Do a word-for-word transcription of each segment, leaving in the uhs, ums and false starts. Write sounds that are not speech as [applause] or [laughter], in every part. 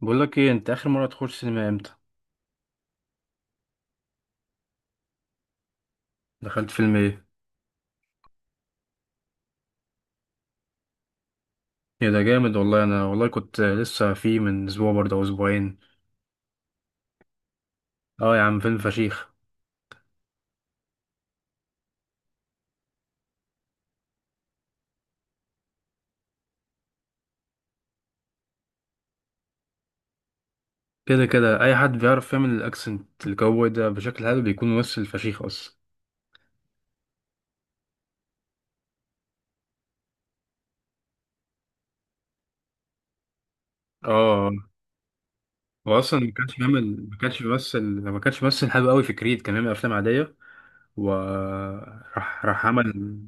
بقول لك ايه، انت اخر مره تخش سينما امتى؟ دخلت فيلم ايه؟ ايه ده جامد والله. انا والله كنت لسه فيه من اسبوع برضه او اسبوعين. اه يا عم، فيلم فشيخ. كده كده اي حد بيعرف يعمل الاكسنت الجو ده بشكل حلو بيكون ممثل فشيخ اصلا. اه. هو اصلا ما كانش بيعمل ما كانش بيمثل. ما كانش بيمثل حلو قوي في كريد، كان بيعمل افلام عاديه. وراح راح راح عمل.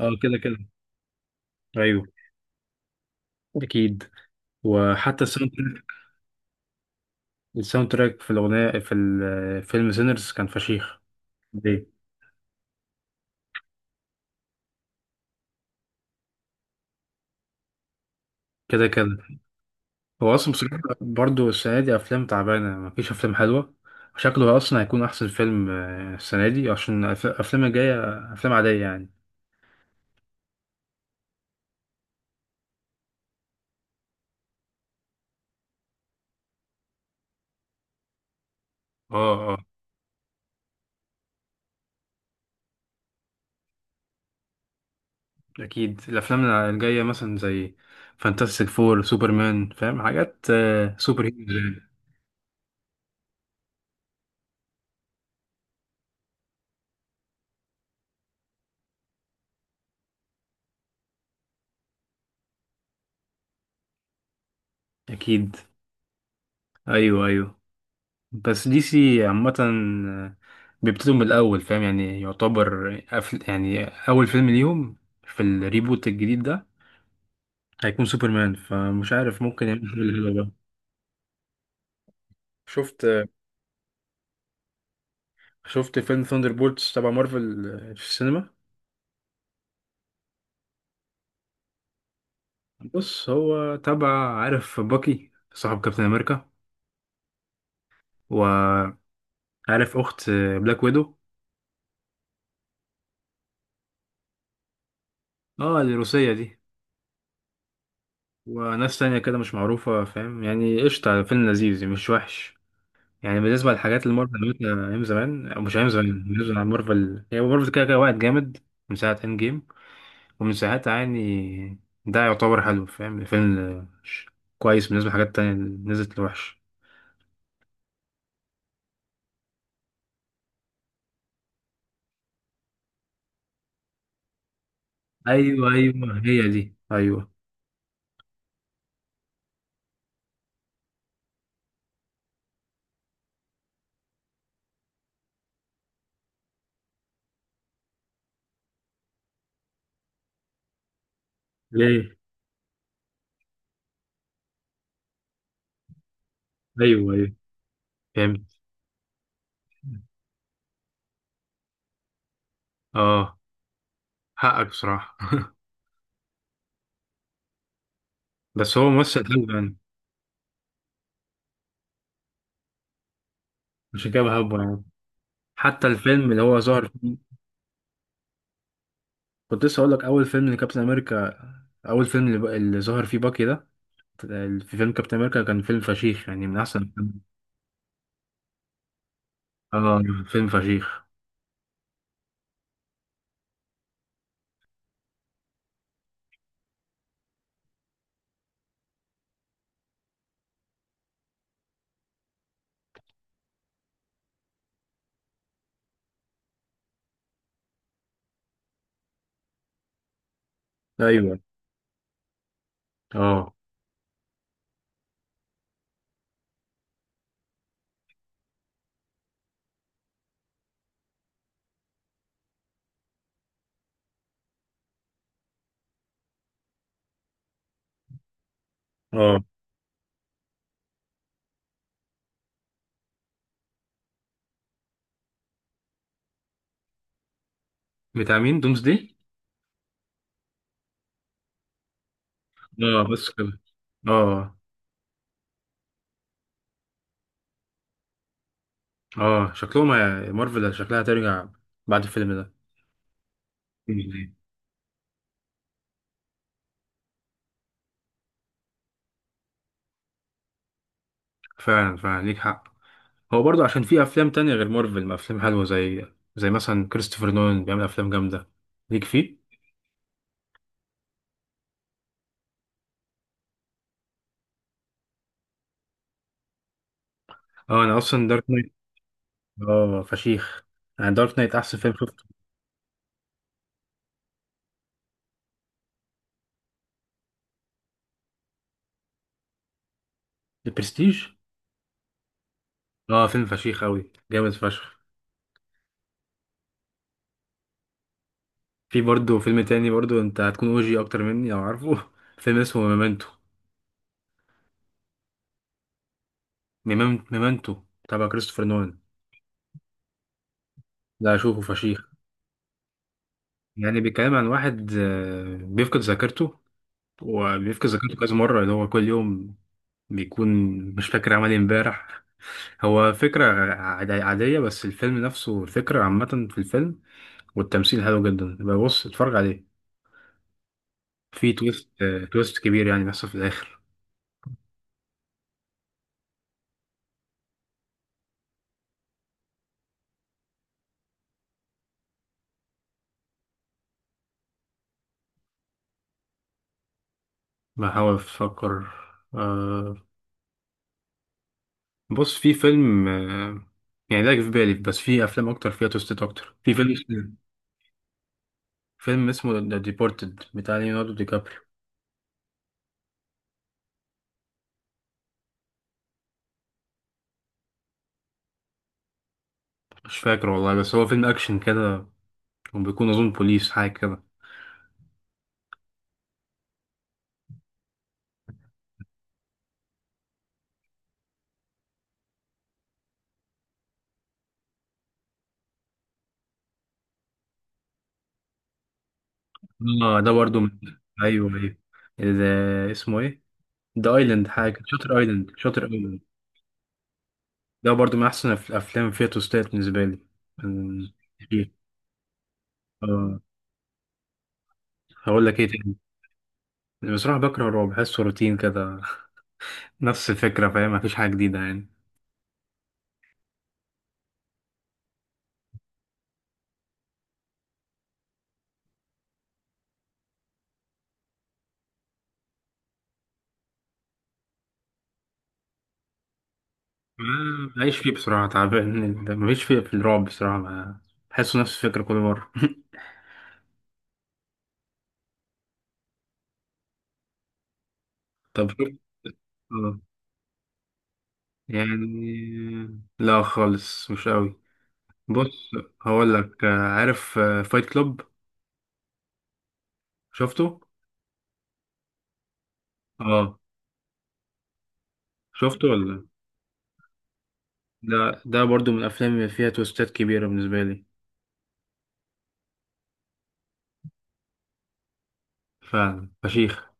اه كده كده. ايوه. اكيد. وحتى الساوند تراك الساوند تراك في الاغنيه في الفيلم سينرز كان فشيخ. كده كده. هو اصلا بصراحه برضه السنه دي افلام تعبانه، مفيش افلام حلوه. شكله اصلا هيكون احسن فيلم آه، السنه دي، عشان الأف- الافلام الجايه افلام عاديه يعني. اه اه، اكيد. الافلام الجايه مثلا زي فانتاستيك فور، سوبرمان، فاهم، حاجات آه، سوبر هيروز يعني. اكيد، ايوه ايوه. بس دي سي عامه، آه، بيبتدوا من الاول، فاهم يعني، يعتبر أفل... يعني اول فيلم ليهم في الريبوت الجديد ده هيكون سوبرمان، فمش عارف ممكن يعمل حاجة حلوة بقى. [laughs] شفت شفت فيلم ثاندر بولتس تبع مارفل في السينما. بص، هو تبع، عارف باكي صاحب كابتن امريكا، وعارف اخت بلاك ويدو. اه الروسية دي. وناس تانية كده مش معروفة، فاهم يعني، قشطة، فيلم لذيذ مش وحش يعني، بالنسبة للحاجات اللي مارفل عملتها أيام زمان أو مش أيام زمان. بالنسبة لمارفل، هي مارفل كده كده وقت جامد. من ساعة إند جيم ومن ساعتها، يعني ده يعتبر حلو، فاهم الفيلم ش- كويس بالنسبة لحاجات تانية اللي نزلت الوحش. أيوة أيوة، هي دي، أيوة. ليه؟ أيوة أيوة، فهمت. اه، حقك بصراحة، بس هو ممثل حلو يعني. عشان كده بحبه يعني. حتى الفيلم اللي هو ظهر فيه. كنت لسه هقول لك أول فيلم لكابتن أمريكا. أول فيلم اللي, اللي ظهر فيه باكي ده في فيلم كابتن أمريكا، كان فيلم فشيخ يعني، من أحسن الفيلم. اه، فيلم فشيخ. أيوة. اه اه، بتاع مين دومز دي؟ اه بس كده. اه اه، شكلهم هي- مارفل شكلها هترجع بعد الفيلم ده. مم. فعلا فعلا، ليك حق. هو برضه عشان في افلام تانية غير مارفل، ما افلام حلوة، زي زي مثلا كريستوفر نولان بيعمل افلام جامدة، ليك فيه. اه، انا اصلا دارك نايت، اه فشيخ يعني، دارك نايت احسن فيلم شفته. البرستيج، اه فيلم فشيخ قوي، جامد فشخ. في برضه فيلم تاني برضه انت هتكون اوجي اكتر مني لو عارفه. [laughs] فيلم اسمه ميمنتو. ميمنتو تبع كريستوفر نولان. ده اشوفه فشيخ. يعني بيتكلم عن واحد آه، بيفقد ذاكرته، وبيفقد ذاكرته كذا مرة، اللي هو كل يوم بيكون مش فاكر عمل ايه امبارح. هو فكرة عاد- عادية، بس الفيلم نفسه الفكرة عامة في الفيلم، والتمثيل حلو جدا. يبقى بص، اتفرج عليه. في تويست آه، تويست كبير يعني بيحصل في الآخر. بحاول أفكر، آه، بص، في فيلم، آه، يعني ده جه في بالي، بس في أفلام أكتر فيها تويستات أكتر. في فيلم اسمه- فيلم اسمه ذا ديبورتد بتاع ليوناردو دي كابريو. مش فاكر والله، بس هو فيلم أكشن كده، كان بيكون أظن بوليس حاجة كده. اه ده برضو من. [laughs] أيوه أيوه، ال- اسمه إيه؟ ذا أيلاند حاجة شاتر أيلاند شاتر أيلاند. ده برضو من أحسن الأف- الأفلام فيها توستات بالنسبة لي. من- إيه؟ آه، هقول لك إيه تاني. بصراحة بكره الرعب، بحسه روتين كده. [laughs] نفس الفكرة، فاهم، مفيش حاجة جديدة يعني. ما- معيش فيه بصراحة، تعبان. [laughs] مفيش فيه في الرعب بصراحة ما- بحسه نفس الفكرة كل مرة. [laughs] طب شوف، يعني لا خالص، مش قوي. بص، هقول لك، آه، عارف فايت كلوب؟ شفته. اه، شفته ولا؟ ده ده برضو من الافلام اللي فيها تويستات كبيره بالنسبه لي. فعلا فشيخ.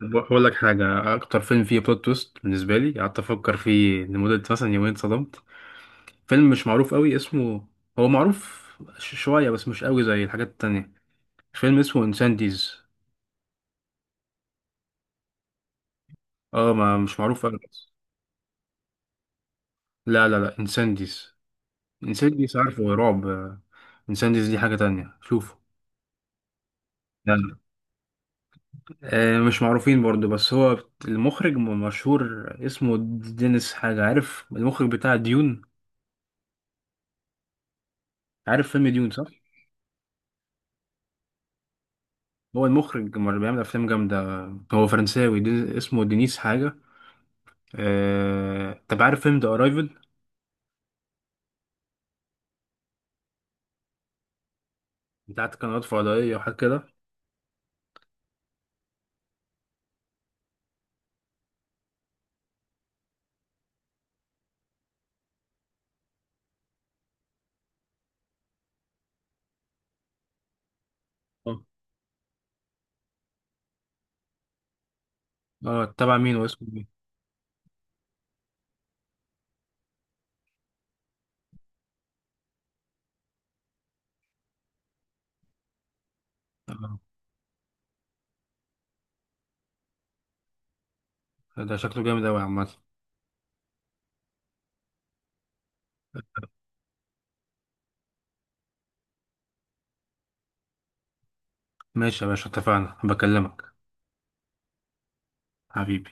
طب هقول لك حاجه، اكتر فيلم فيه بلوت تويست بالنسبه لي قعدت افكر فيه لمده مثلا يومين، اتصدمت. فيلم مش معروف قوي، اسمه، هو معروف ش- شويه، بس مش قوي زي الحاجات التانية. فيلم اسمه انسانديز. اه، ما مش معروف قوي. لا لا لا، انسانديز. انسيديوس عارفه، رعب، آه، انسيديوس دي حاجة تانية، شوفه. لا لا. آه، مش معروفين برضو، بس هو المخرج م- مشهور، اسمه دينيس حاجة. عارف المخرج بتاع ديون؟ عارف فيلم ديون صح؟ هو المخرج اللي بيعمل أفلام جامدة. هو فرنساوي، دي اسمه دينيس حاجة. آه، طب عارف فيلم ذا أرايفل؟ بتاعت قنوات فضائية وحاجات كده؟ اه. آه، تبع مين، واسمه مين؟ آه، ده شكله جامد أوي عامة. ماشي يا باشا، اتفقنا، بكلمك. حبيبي.